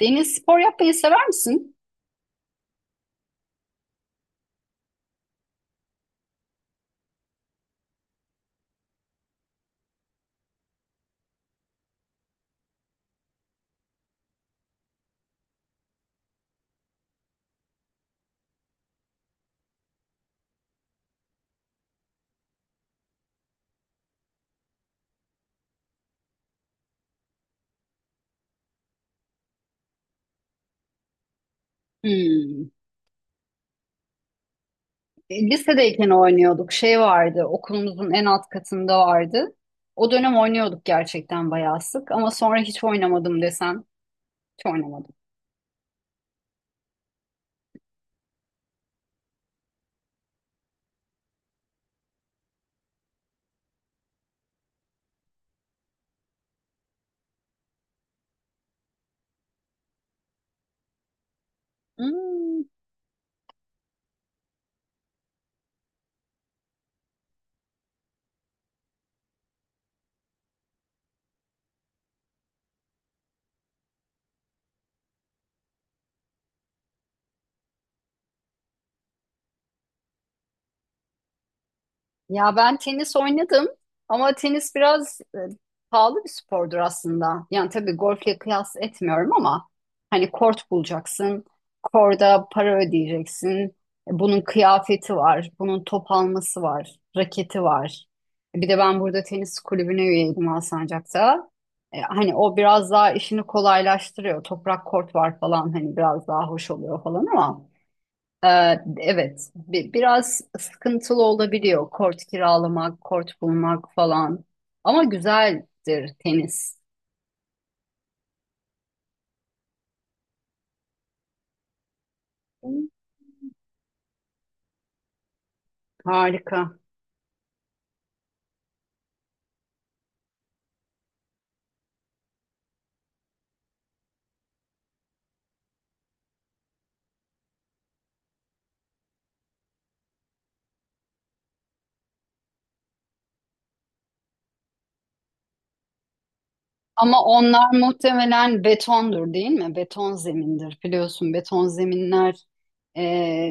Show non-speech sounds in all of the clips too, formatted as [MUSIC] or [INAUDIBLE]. Deniz spor yapmayı sever misin? Hmm. Lisedeyken oynuyorduk. Şey vardı, okulumuzun en alt katında vardı. O dönem oynuyorduk gerçekten bayağı sık ama sonra hiç oynamadım desen, hiç oynamadım. Hmm. Ya ben tenis oynadım ama tenis biraz pahalı bir spordur aslında. Yani tabii golfle kıyas etmiyorum ama hani kort bulacaksın, korda para ödeyeceksin. Bunun kıyafeti var, bunun top alması var, raketi var. Bir de ben burada tenis kulübüne üyeydim Alsancak'ta. Hani o biraz daha işini kolaylaştırıyor. Toprak kort var falan hani biraz daha hoş oluyor falan ama. Ee, evet, biraz sıkıntılı olabiliyor kort kiralamak, kort bulmak falan. Ama güzeldir tenis. Harika. Ama onlar muhtemelen betondur değil mi? Beton zemindir. Biliyorsun beton zeminler e,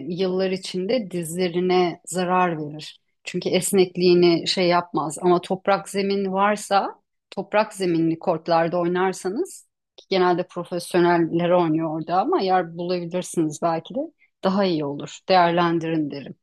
yıllar içinde dizlerine zarar verir. Çünkü esnekliğini şey yapmaz. Ama toprak zemin varsa, toprak zeminli kortlarda oynarsanız, ki genelde profesyoneller oynuyor orada ama yer bulabilirsiniz belki de, daha iyi olur. Değerlendirin derim.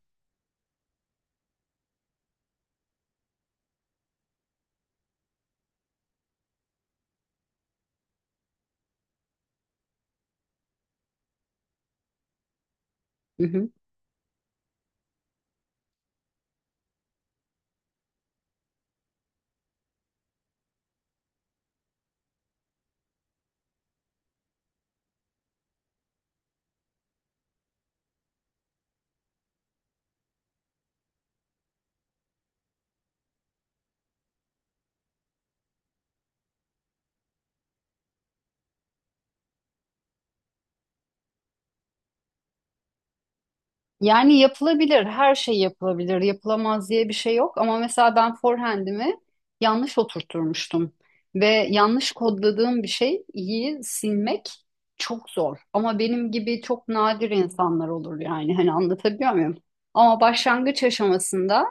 Yani yapılabilir, her şey yapılabilir. Yapılamaz diye bir şey yok ama mesela ben forehand'imi yanlış oturtturmuştum ve yanlış kodladığım bir şey iyi silmek çok zor. Ama benim gibi çok nadir insanlar olur yani hani anlatabiliyor muyum? Ama başlangıç aşamasında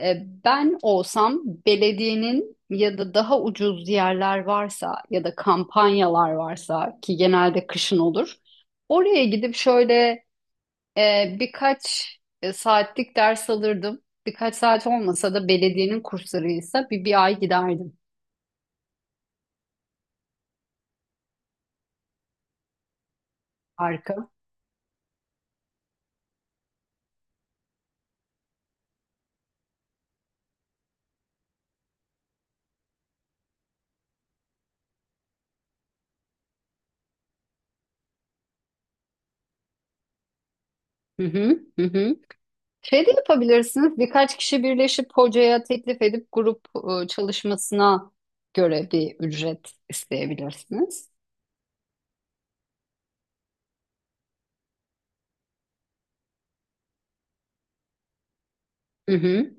e, ben olsam belediyenin ya da daha ucuz yerler varsa ya da kampanyalar varsa ki genelde kışın olur. Oraya gidip şöyle birkaç saatlik ders alırdım. Birkaç saat olmasa da belediyenin kurslarıysa bir ay giderdim arka. Hı hı, hı hı. Şey de yapabilirsiniz. Birkaç kişi birleşip hocaya teklif edip grup çalışmasına göre bir ücret isteyebilirsiniz. Hı hı.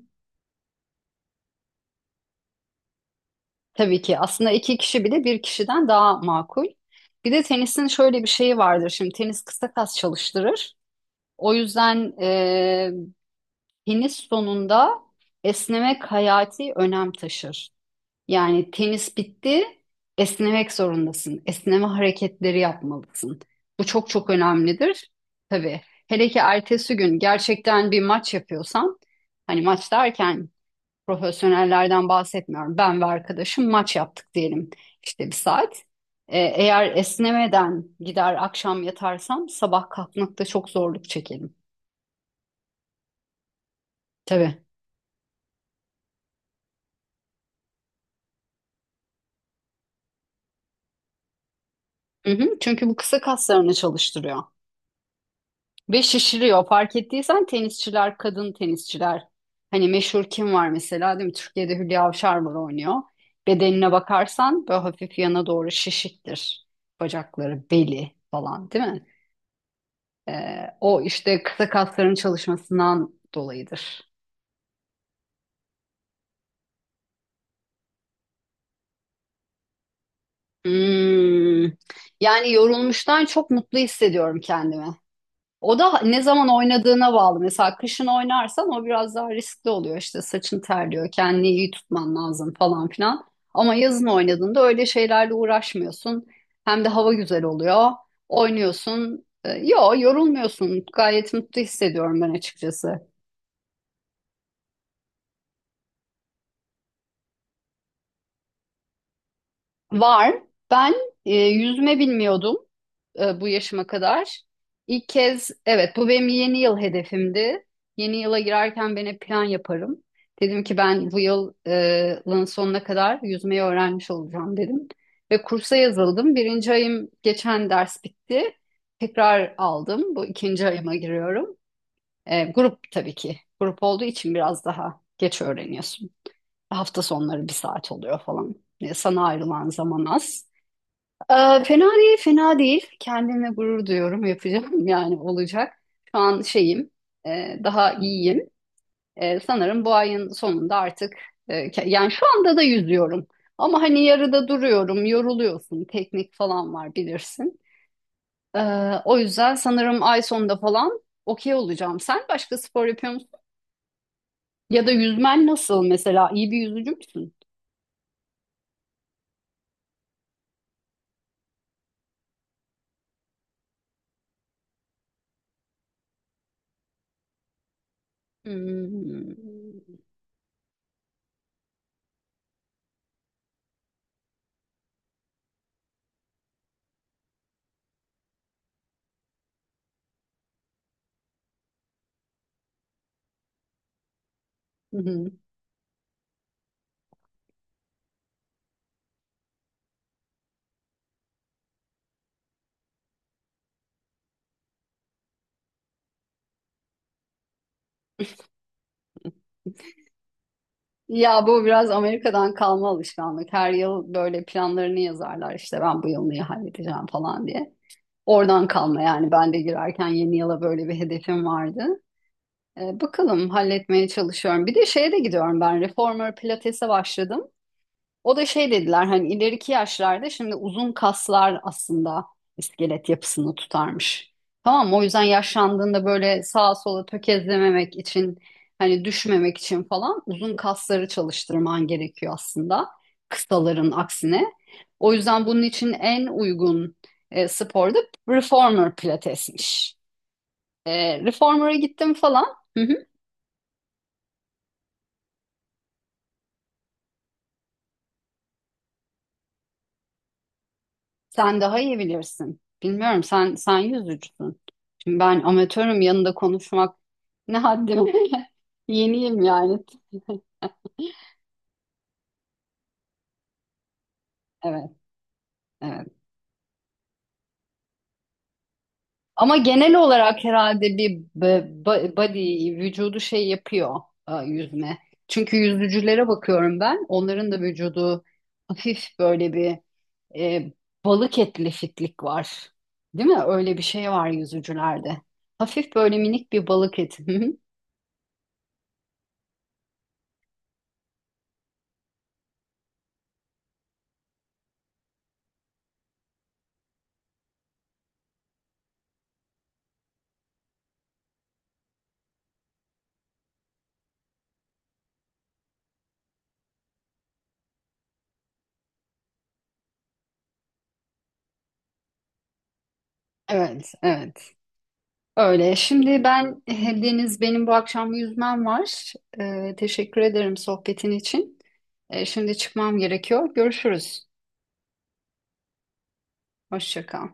Tabii ki aslında iki kişi bile bir kişiden daha makul. Bir de tenisin şöyle bir şeyi vardır. Şimdi tenis kısa kas çalıştırır. O yüzden tenis sonunda esnemek hayati önem taşır. Yani tenis bitti, esnemek zorundasın. Esneme hareketleri yapmalısın. Bu çok çok önemlidir. Tabii. Hele ki ertesi gün gerçekten bir maç yapıyorsan, hani maç derken profesyonellerden bahsetmiyorum. Ben ve arkadaşım maç yaptık diyelim işte bir saat. Eğer esnemeden gider akşam yatarsam sabah kalkmakta çok zorluk çekerim. Tabii. Hı hı, çünkü bu kısa kaslarını çalıştırıyor ve şişiriyor. Fark ettiysen tenisçiler, kadın tenisçiler. Hani meşhur kim var mesela değil mi? Türkiye'de Hülya Avşar var oynuyor. Bedenine bakarsan böyle hafif yana doğru şişiktir. Bacakları, beli falan değil mi? O işte kısa kasların çalışmasından dolayıdır. Hmm, Yani yorulmuştan çok mutlu hissediyorum kendimi. O da ne zaman oynadığına bağlı. Mesela kışın oynarsan o biraz daha riskli oluyor. İşte saçın terliyor, kendini iyi tutman lazım falan filan. Ama yazın oynadığında öyle şeylerle uğraşmıyorsun. Hem de hava güzel oluyor. Oynuyorsun. Yo yorulmuyorsun. Gayet mutlu hissediyorum ben açıkçası. Var. Ben yüzme bilmiyordum bu yaşıma kadar. İlk kez evet bu benim yeni yıl hedefimdi. Yeni yıla girerken ben hep plan yaparım. Dedim ki ben bu yıl, yılın sonuna kadar yüzmeyi öğrenmiş olacağım dedim. Ve kursa yazıldım. Birinci ayım geçen ders bitti. Tekrar aldım. Bu ikinci ayıma giriyorum. E, grup tabii ki. Grup olduğu için biraz daha geç öğreniyorsun. Hafta sonları bir saat oluyor falan. E, sana ayrılan zaman az. Fena değil, fena değil. Kendimle gurur duyuyorum, yapacağım [LAUGHS] yani olacak. Şu an şeyim, daha iyiyim. E, sanırım bu ayın sonunda artık, yani şu anda da yüzüyorum. Ama hani yarıda duruyorum, yoruluyorsun, teknik falan var bilirsin. O yüzden sanırım ay sonunda falan okey olacağım. Sen başka spor yapıyor musun? Ya da yüzmen nasıl mesela? İyi bir yüzücü müsün? Hmm. [LAUGHS] Ya bu biraz Amerika'dan kalma alışkanlık. Her yıl böyle planlarını yazarlar işte ben bu yıl neyi halledeceğim falan diye. Oradan kalma yani ben de girerken yeni yıla böyle bir hedefim vardı. Bakalım halletmeye çalışıyorum. Bir de şeye de gidiyorum ben Reformer Pilates'e başladım. O da şey dediler hani ileriki yaşlarda şimdi uzun kaslar aslında iskelet yapısını tutarmış. Tamam mı? O yüzden yaşlandığında böyle sağa sola tökezlememek için hani düşmemek için falan uzun kasları çalıştırman gerekiyor aslında kısaların aksine. O yüzden bunun için en uygun spor da reformer pilatesmiş. E, reformer'a gittim falan. Hı hı. Sen daha iyi bilirsin. Bilmiyorum sen yüzücüsün. Şimdi ben amatörüm yanında konuşmak ne haddime. [LAUGHS] Yeniyim yani. Evet, evet. Ama genel olarak herhalde bir body vücudu şey yapıyor yüzme. Çünkü yüzücülere bakıyorum ben. Onların da vücudu hafif böyle bir e, balık etli fitlik var. Değil mi? Öyle bir şey var yüzücülerde. Hafif böyle minik bir balık eti. [LAUGHS] Evet, evet. Öyle. Şimdi ben Deniz benim bu akşam yüzmem var. Teşekkür ederim sohbetin için. Şimdi çıkmam gerekiyor. Görüşürüz. Hoşça kal.